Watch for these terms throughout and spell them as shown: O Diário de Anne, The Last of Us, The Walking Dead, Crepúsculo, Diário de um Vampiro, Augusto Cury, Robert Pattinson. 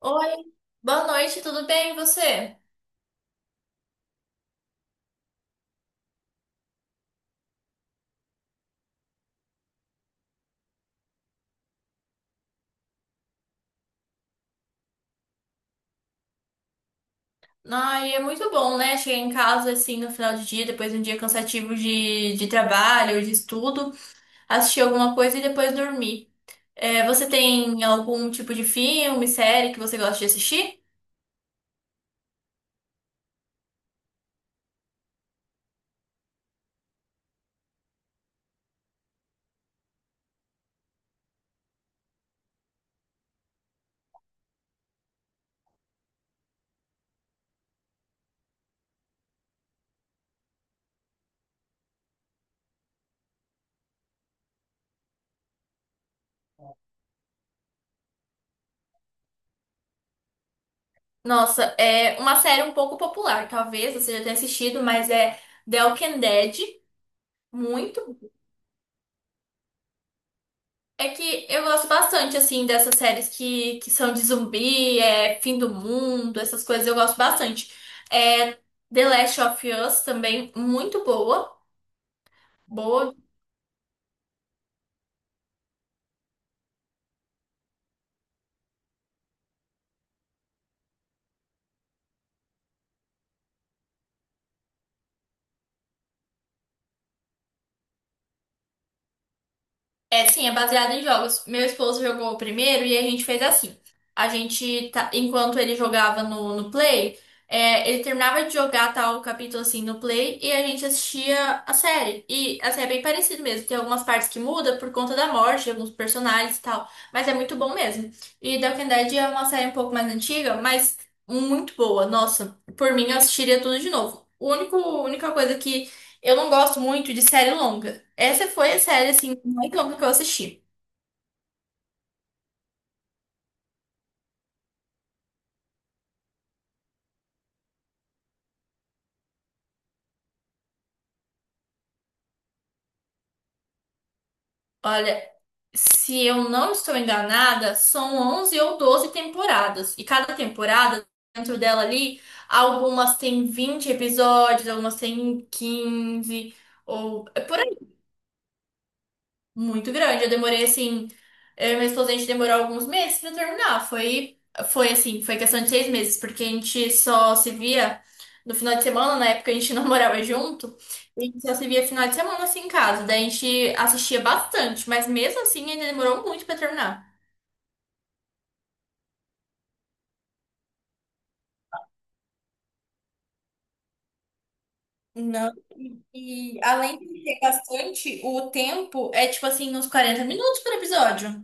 Oi, boa noite, tudo bem e você? Ai, é muito bom, né? Chegar em casa assim no final de dia, depois de um dia cansativo de trabalho, de estudo, assistir alguma coisa e depois dormir. É, você tem algum tipo de filme, série que você gosta de assistir? Nossa, é uma série um pouco popular, talvez você já tenha assistido, mas é The Walking Dead. Muito É que eu gosto bastante, assim, dessas séries que são de zumbi, é, fim do mundo, essas coisas eu gosto bastante. É, The Last of Us também, muito boa. Boa. É, sim, é baseado em jogos. Meu esposo jogou o primeiro e a gente fez assim. Enquanto ele jogava no Play, é, ele terminava de jogar tal capítulo assim no Play e a gente assistia a série. E assim, é bem parecido mesmo. Tem algumas partes que muda por conta da morte de alguns personagens e tal. Mas é muito bom mesmo. E The Walking Dead é uma série um pouco mais antiga, mas muito boa. Nossa, por mim eu assistiria tudo de novo. Única coisa que eu não gosto muito de série longa. Essa foi a série, assim, mais longa que eu assisti. Olha, se eu não estou enganada, são 11 ou 12 temporadas. E cada temporada, dentro dela ali, algumas têm 20 episódios, algumas têm 15 ou é por muito grande. Eu demorei assim, eu e minha esposa, a gente demorou alguns meses pra terminar. Foi assim, foi questão de 6 meses, porque a gente só se via no final de semana, na época a gente não morava junto, e a gente só se via final de semana assim em casa. Daí a gente assistia bastante, mas mesmo assim ainda demorou muito pra terminar. Não. E além de ter bastante, o tempo é tipo assim, uns 40 minutos por episódio.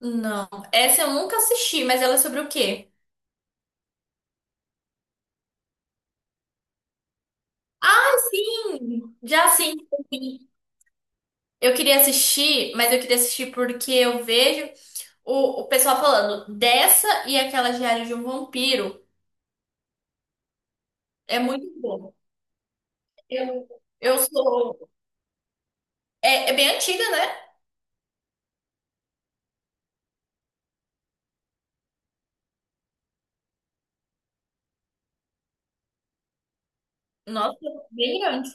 Não, essa eu nunca assisti, mas ela é sobre o quê? Ah, sim! Já sim. Eu queria assistir, mas eu queria assistir porque eu vejo o pessoal falando dessa e aquela Diário de um Vampiro. É muito bom. Eu, eu sou. É bem antiga, né? Nossa, bem grande.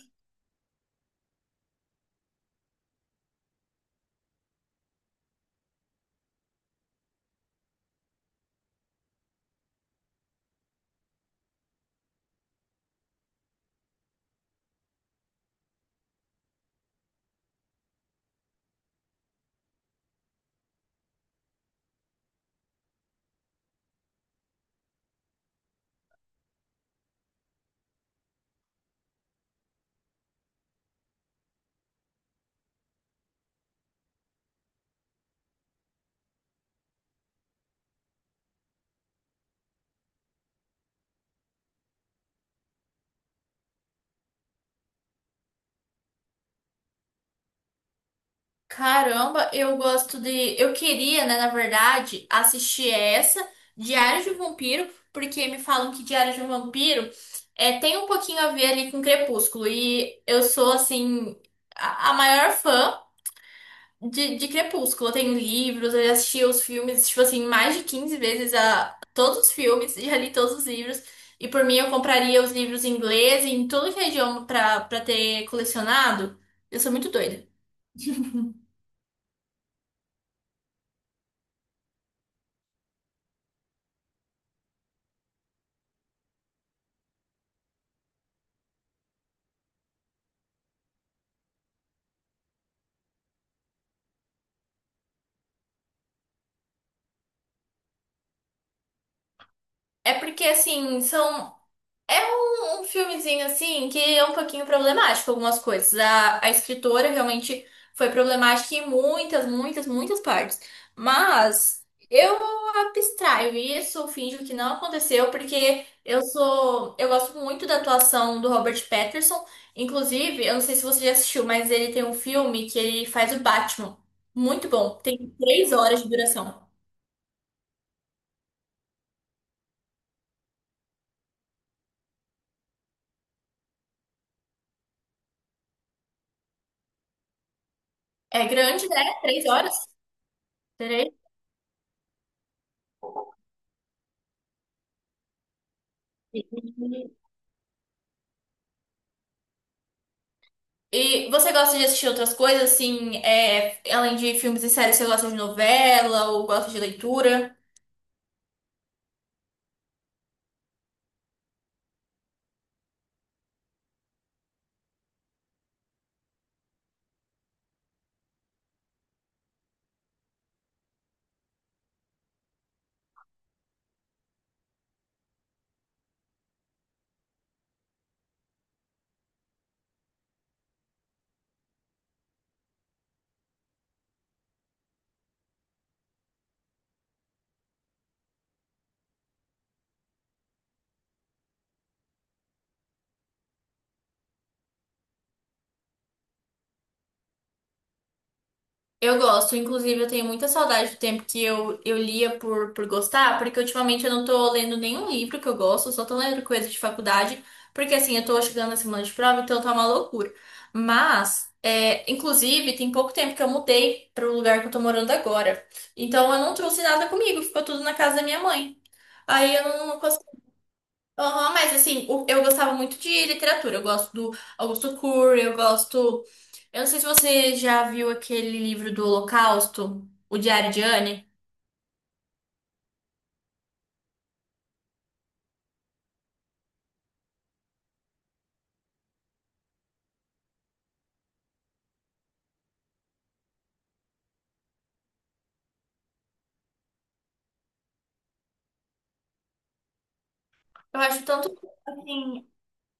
Caramba, eu gosto de. Eu queria, né, na verdade, assistir essa, Diário de um Vampiro, porque me falam que Diário de um Vampiro é, tem um pouquinho a ver ali com Crepúsculo. E eu sou, assim, a maior fã. De Crepúsculo, eu tenho livros, eu já assisti os filmes, tipo assim, mais de 15 vezes a todos os filmes, já li todos os livros. E por mim eu compraria os livros em inglês, em todo que é idioma pra ter colecionado. Eu sou muito doida. É porque, assim, são. É um filmezinho assim que é um pouquinho problemático algumas coisas. A escritora realmente foi problemática em muitas, muitas, muitas partes. Mas eu abstraio isso, finjo que não aconteceu, porque eu gosto muito da atuação do Robert Pattinson. Inclusive, eu não sei se você já assistiu, mas ele tem um filme que ele faz o Batman. Muito bom. Tem três horas de duração. É grande, né? 3 horas? E você gosta de assistir outras coisas, assim, é, além de filmes e séries, você gosta de novela ou gosta de leitura? Eu gosto, inclusive eu tenho muita saudade do tempo que eu lia por gostar, porque ultimamente eu não tô lendo nenhum livro que eu gosto, eu só tô lendo coisa de faculdade, porque assim, eu tô chegando na semana de prova, então tá uma loucura. Mas, é, inclusive, tem pouco tempo que eu mudei pro lugar que eu tô morando agora, então eu não trouxe nada comigo, ficou tudo na casa da minha mãe. Aí eu não Aham, mas assim, eu gostava muito de literatura. Eu gosto do Augusto Cury, eu gosto. Eu não sei se você já viu aquele livro do Holocausto, O Diário de Anne. Eu acho tanto, assim,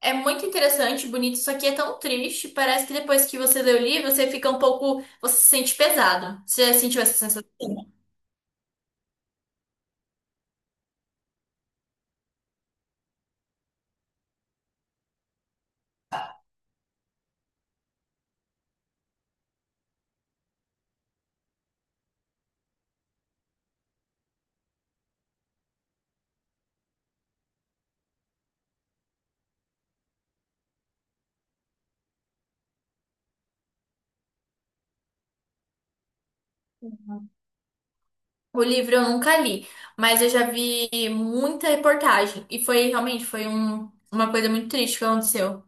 é muito interessante, bonito, só que é tão triste. Parece que depois que você lê o livro, você fica um pouco. Você se sente pesado. Você já sentiu essa sensação? O livro eu nunca li, mas eu já vi muita reportagem. E foi realmente, uma coisa muito triste que aconteceu.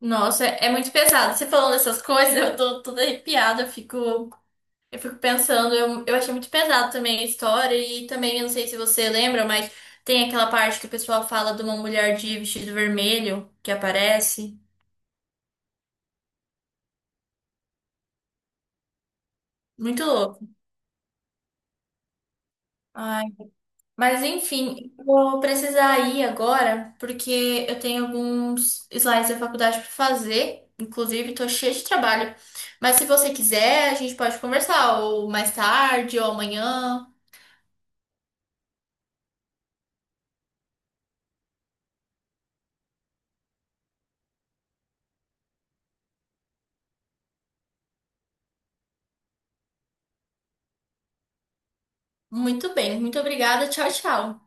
Nossa, é muito pesado. Você falando essas coisas, eu tô toda arrepiada, eu fico, pensando, eu achei muito pesado também a história, e também, eu não sei se você lembra, mas tem aquela parte que o pessoal fala de uma mulher de vestido vermelho que aparece. Muito louco. Ai. Mas enfim, vou precisar ir agora, porque eu tenho alguns slides da faculdade para fazer. Inclusive, tô cheia de trabalho. Mas se você quiser, a gente pode conversar, ou mais tarde, ou amanhã. Muito bem, muito obrigada. Tchau, tchau.